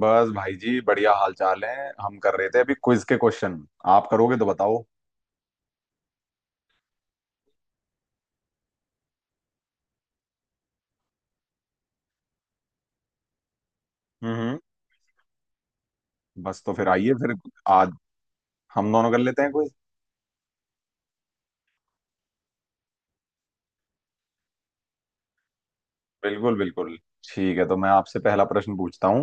बस भाई जी बढ़िया हाल चाल है। हम कर रहे थे अभी क्विज के क्वेश्चन। आप करोगे तो बताओ। हम्म। बस तो फिर आइए फिर। आज हम दोनों कर लेते हैं क्विज। बिल्कुल बिल्कुल। ठीक है, तो मैं आपसे पहला प्रश्न पूछता हूँ।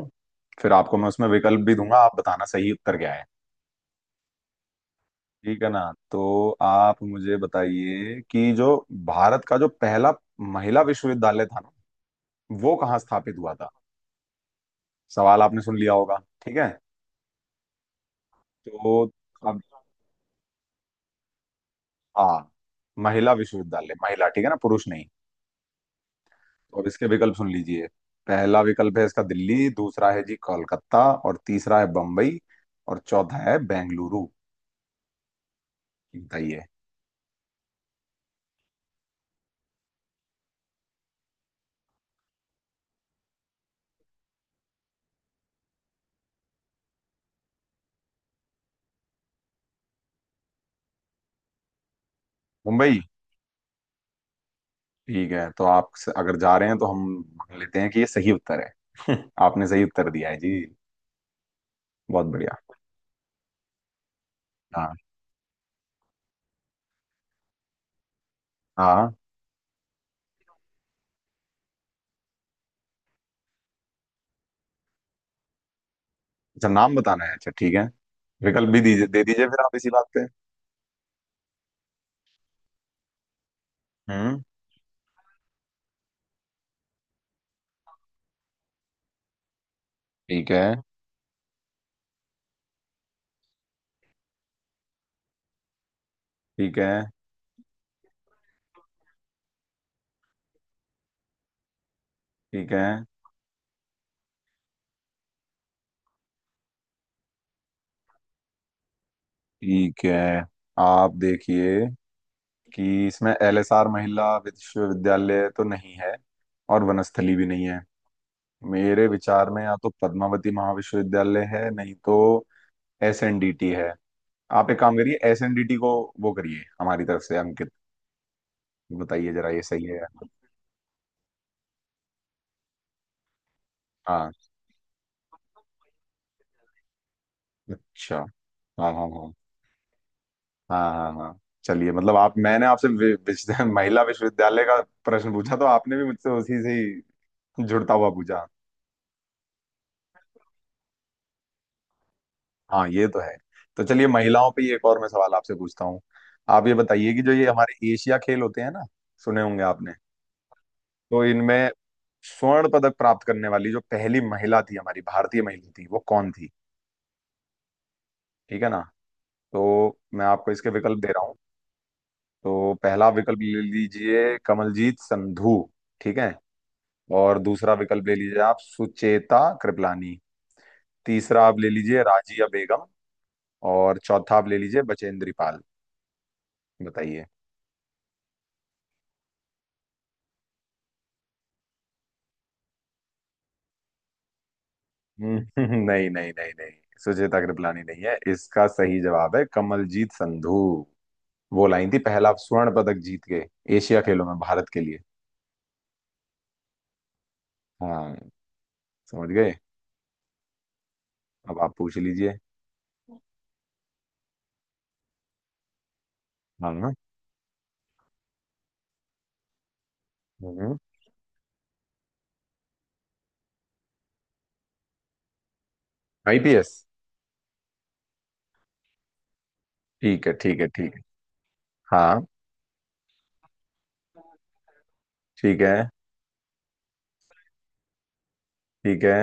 फिर आपको मैं उसमें विकल्प भी दूंगा, आप बताना सही उत्तर क्या है। ठीक है ना? तो आप मुझे बताइए कि जो भारत का जो पहला महिला विश्वविद्यालय था ना, वो कहाँ स्थापित हुआ था। सवाल आपने सुन लिया होगा। ठीक है। तो अब हाँ, महिला विश्वविद्यालय, महिला, ठीक है ना, पुरुष नहीं। और इसके विकल्प सुन लीजिए। पहला विकल्प है इसका दिल्ली, दूसरा है जी कोलकाता, और तीसरा है बम्बई, और चौथा है बेंगलुरु। बताइए। मुंबई? ठीक है, तो अगर जा रहे हैं तो हम मान लेते हैं कि ये सही उत्तर है। आपने सही उत्तर दिया है जी। बहुत बढ़िया। हाँ हाँ हाँ। अच्छा, नाम बताना है। अच्छा ठीक है। विकल्प भी दीजिए, दे दीजिए फिर आप इसी बात पे। हम्म। ठीक है ठीक है ठीक है ठीक है। आप देखिए कि इसमें एल एस आर महिला विश्वविद्यालय तो नहीं है, और वनस्थली भी नहीं है। मेरे विचार में या तो पद्मावती महाविश्वविद्यालय है, नहीं तो एस एन डी टी है। आप एक काम करिए, एस एन डी टी को वो करिए हमारी तरफ से अंकित। बताइए जरा ये सही है या नहीं। हाँ। अच्छा। हाँ हाँ हाँ हाँ हाँ हाँ चलिए। मतलब आप, मैंने आपसे महिला विश्वविद्यालय का प्रश्न पूछा, तो आपने भी मुझसे उसी से ही जुड़ता हुआ पूछा। हाँ, ये तो है। तो चलिए, महिलाओं पे ही एक और मैं सवाल आपसे पूछता हूँ। आप ये बताइए कि जो ये हमारे एशिया खेल होते हैं ना, सुने होंगे आपने, तो इनमें स्वर्ण पदक प्राप्त करने वाली जो पहली महिला थी, हमारी भारतीय महिला थी, वो कौन थी। ठीक है ना? तो मैं आपको इसके विकल्प दे रहा हूँ। तो पहला विकल्प ले लीजिए कमलजीत संधू, ठीक है, और दूसरा विकल्प ले लीजिए आप सुचेता कृपलानी, तीसरा आप ले लीजिए राजिया बेगम, और चौथा आप ले लीजिए बचेंद्री पाल। बताइए। हम्म। नहीं नहीं नहीं नहीं, सुचेता कृपलानी नहीं है। इसका सही जवाब है कमलजीत संधू। वो लाइन थी पहला स्वर्ण पदक जीत के एशिया खेलों में भारत के लिए। हाँ, समझ गए? अब आप पूछ लीजिए। हाँ हाँ। हम्म। आईपीएस? ठीक है ठीक है ठीक है। हाँ। ठीक है ठीक है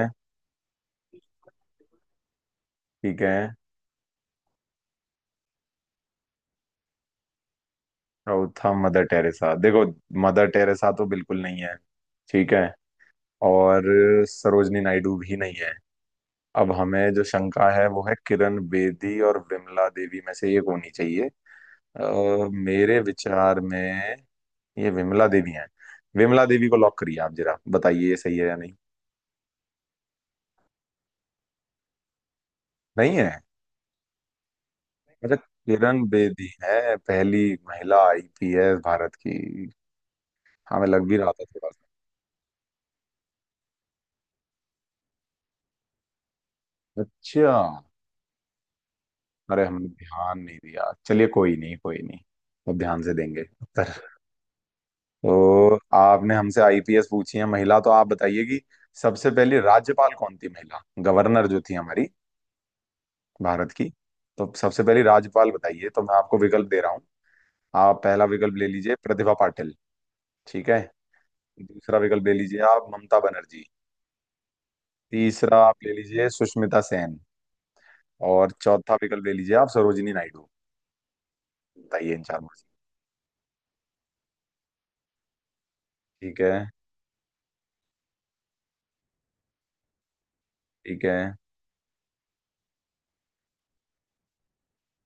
ठीक है। चौथा मदर टेरेसा, देखो मदर टेरेसा तो बिल्कुल नहीं है। ठीक है। और सरोजनी नायडू भी नहीं है। अब हमें जो शंका है, वो है किरण बेदी और विमला देवी में से एक होनी चाहिए। अ, मेरे विचार में ये विमला देवी हैं। विमला देवी को लॉक करिए आप, जरा बताइए ये सही है या नहीं। नहीं है? अच्छा, किरण बेदी है पहली महिला आईपीएस भारत की। हमें लग भी रहा था थोड़ा सा। अच्छा। अरे हमने ध्यान नहीं दिया, चलिए कोई नहीं कोई नहीं। अब ध्यान से देंगे। तो आपने हमसे आईपीएस पूछी है महिला, तो आप बताइए कि सबसे पहली राज्यपाल कौन थी महिला, गवर्नर जो थी हमारी भारत की। तो सबसे पहली राज्यपाल बताइए। तो मैं आपको विकल्प दे रहा हूँ। आप पहला विकल्प ले लीजिए प्रतिभा पाटिल, ठीक है, दूसरा विकल्प ले लीजिए आप ममता बनर्जी, तीसरा आप ले लीजिए सुष्मिता सेन, और चौथा विकल्प ले लीजिए आप सरोजिनी नायडू। बताइए इन चार में से। ठीक है। ठीक है।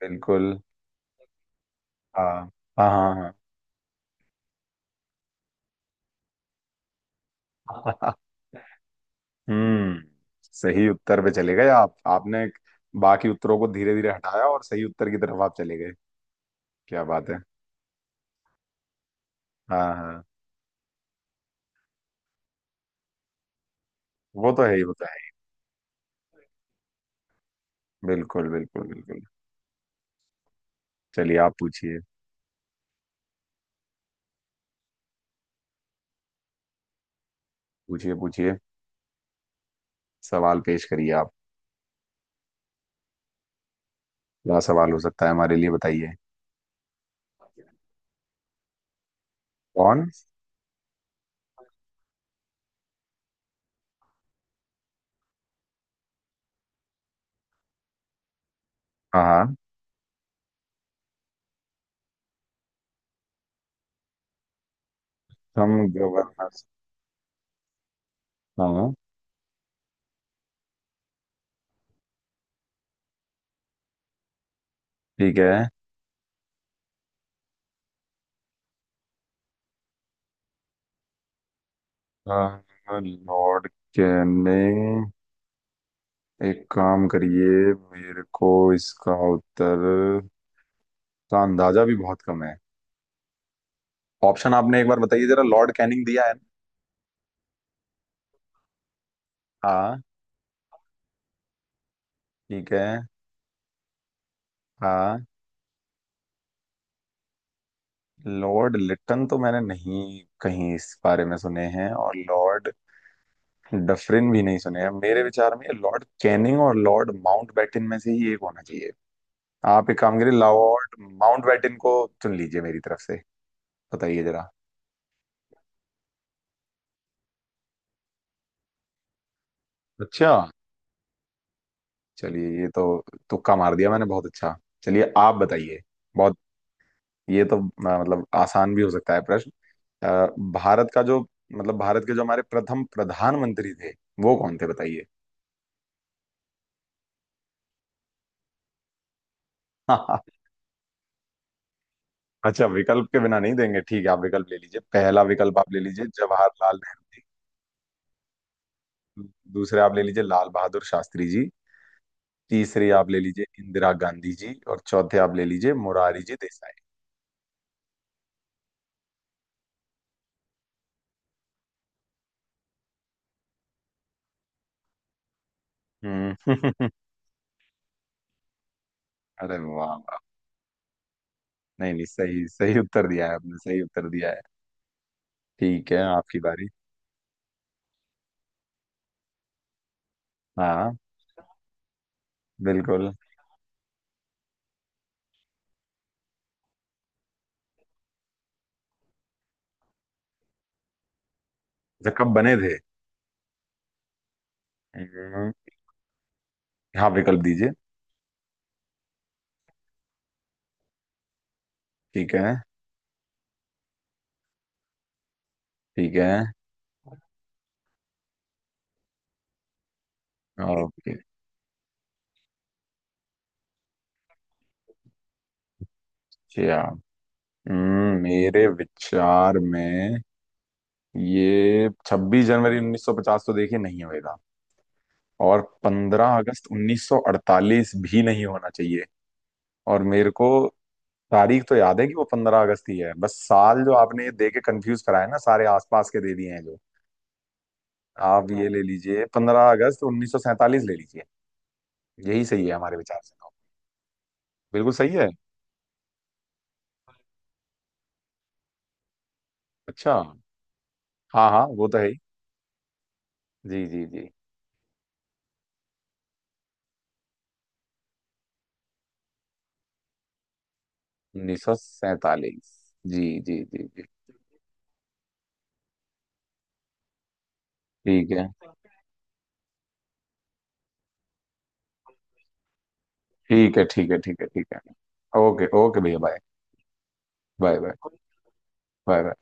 बिल्कुल। हाँ हाँ हाँ हाँ। हम्म। सही उत्तर पे चले गए आप। आपने बाकी उत्तरों को धीरे धीरे हटाया और सही उत्तर की तरफ आप चले गए। क्या बात है। हाँ हाँ, वो तो है ही, वो तो है ही। बिल्कुल बिल्कुल बिल्कुल। चलिए आप पूछिए। पूछिए पूछिए। सवाल पेश करिए आप। क्या सवाल हो सकता है हमारे लिए बताइए। कौन? हाँ। हाँ। हम गवर्नर? हाँ। ठीक है। अ, लॉर्ड कैने एक काम करिए, मेरे को इसका उत्तर का अंदाजा भी बहुत कम है। ऑप्शन आपने एक बार बताइए जरा, लॉर्ड कैनिंग दिया है ना? हाँ। ठीक है। हाँ। लॉर्ड लिटन तो मैंने नहीं कहीं इस बारे में सुने हैं, और लॉर्ड डफरिन भी नहीं सुने हैं। मेरे विचार में ये लॉर्ड कैनिंग और लॉर्ड माउंटबेटन में से ही एक होना चाहिए। आप एक काम करिए, लॉर्ड माउंटबेटन को चुन लीजिए मेरी तरफ से। बताइए जरा। अच्छा। चलिए, ये तो तुक्का मार दिया मैंने, बहुत अच्छा। चलिए आप बताइए। बहुत, ये तो मतलब आसान भी हो सकता है प्रश्न। आ, भारत का जो मतलब भारत के जो हमारे प्रथम प्रधानमंत्री थे, वो कौन थे बताइए। अच्छा, विकल्प के बिना नहीं देंगे? ठीक है। आप विकल्प ले लीजिए, पहला विकल्प आप ले लीजिए जवाहरलाल नेहरू जी, दूसरे आप ले लीजिए लाल बहादुर शास्त्री जी, तीसरे आप ले लीजिए इंदिरा गांधी जी, और चौथे आप ले लीजिए मुरारी जी देसाई। हम्म। अरे वाह वाह। नहीं नहीं, सही सही उत्तर दिया है आपने, सही उत्तर दिया है। ठीक है, आपकी बारी। हाँ। बिल्कुल। अच्छा कब बने थे? हम्म, हाँ, विकल्प दीजिए। ठीक है। ठीक है। ओके। अच्छा। मेरे विचार में ये 26 जनवरी 1950 तो देखिए नहीं होएगा, और 15 अगस्त 1948 भी नहीं होना चाहिए। और मेरे को तारीख तो याद है कि वो 15 अगस्त ही है, बस साल जो आपने ये दे के कंफ्यूज कराया ना, सारे आसपास के दे दिए हैं जो। आप ये ले लीजिए, 15 अगस्त 1947 ले लीजिए, यही सही है हमारे विचार से तो। बिल्कुल सही है। अच्छा। हाँ हाँ, वो तो है ही। जी जी जी। उन्नीस सौ सैतालीस। जी जी जी जी। ठीक है ठीक है ठीक है ठीक है ठीक है। ओके ओके भैया, bye. Bye bye. Bye bye.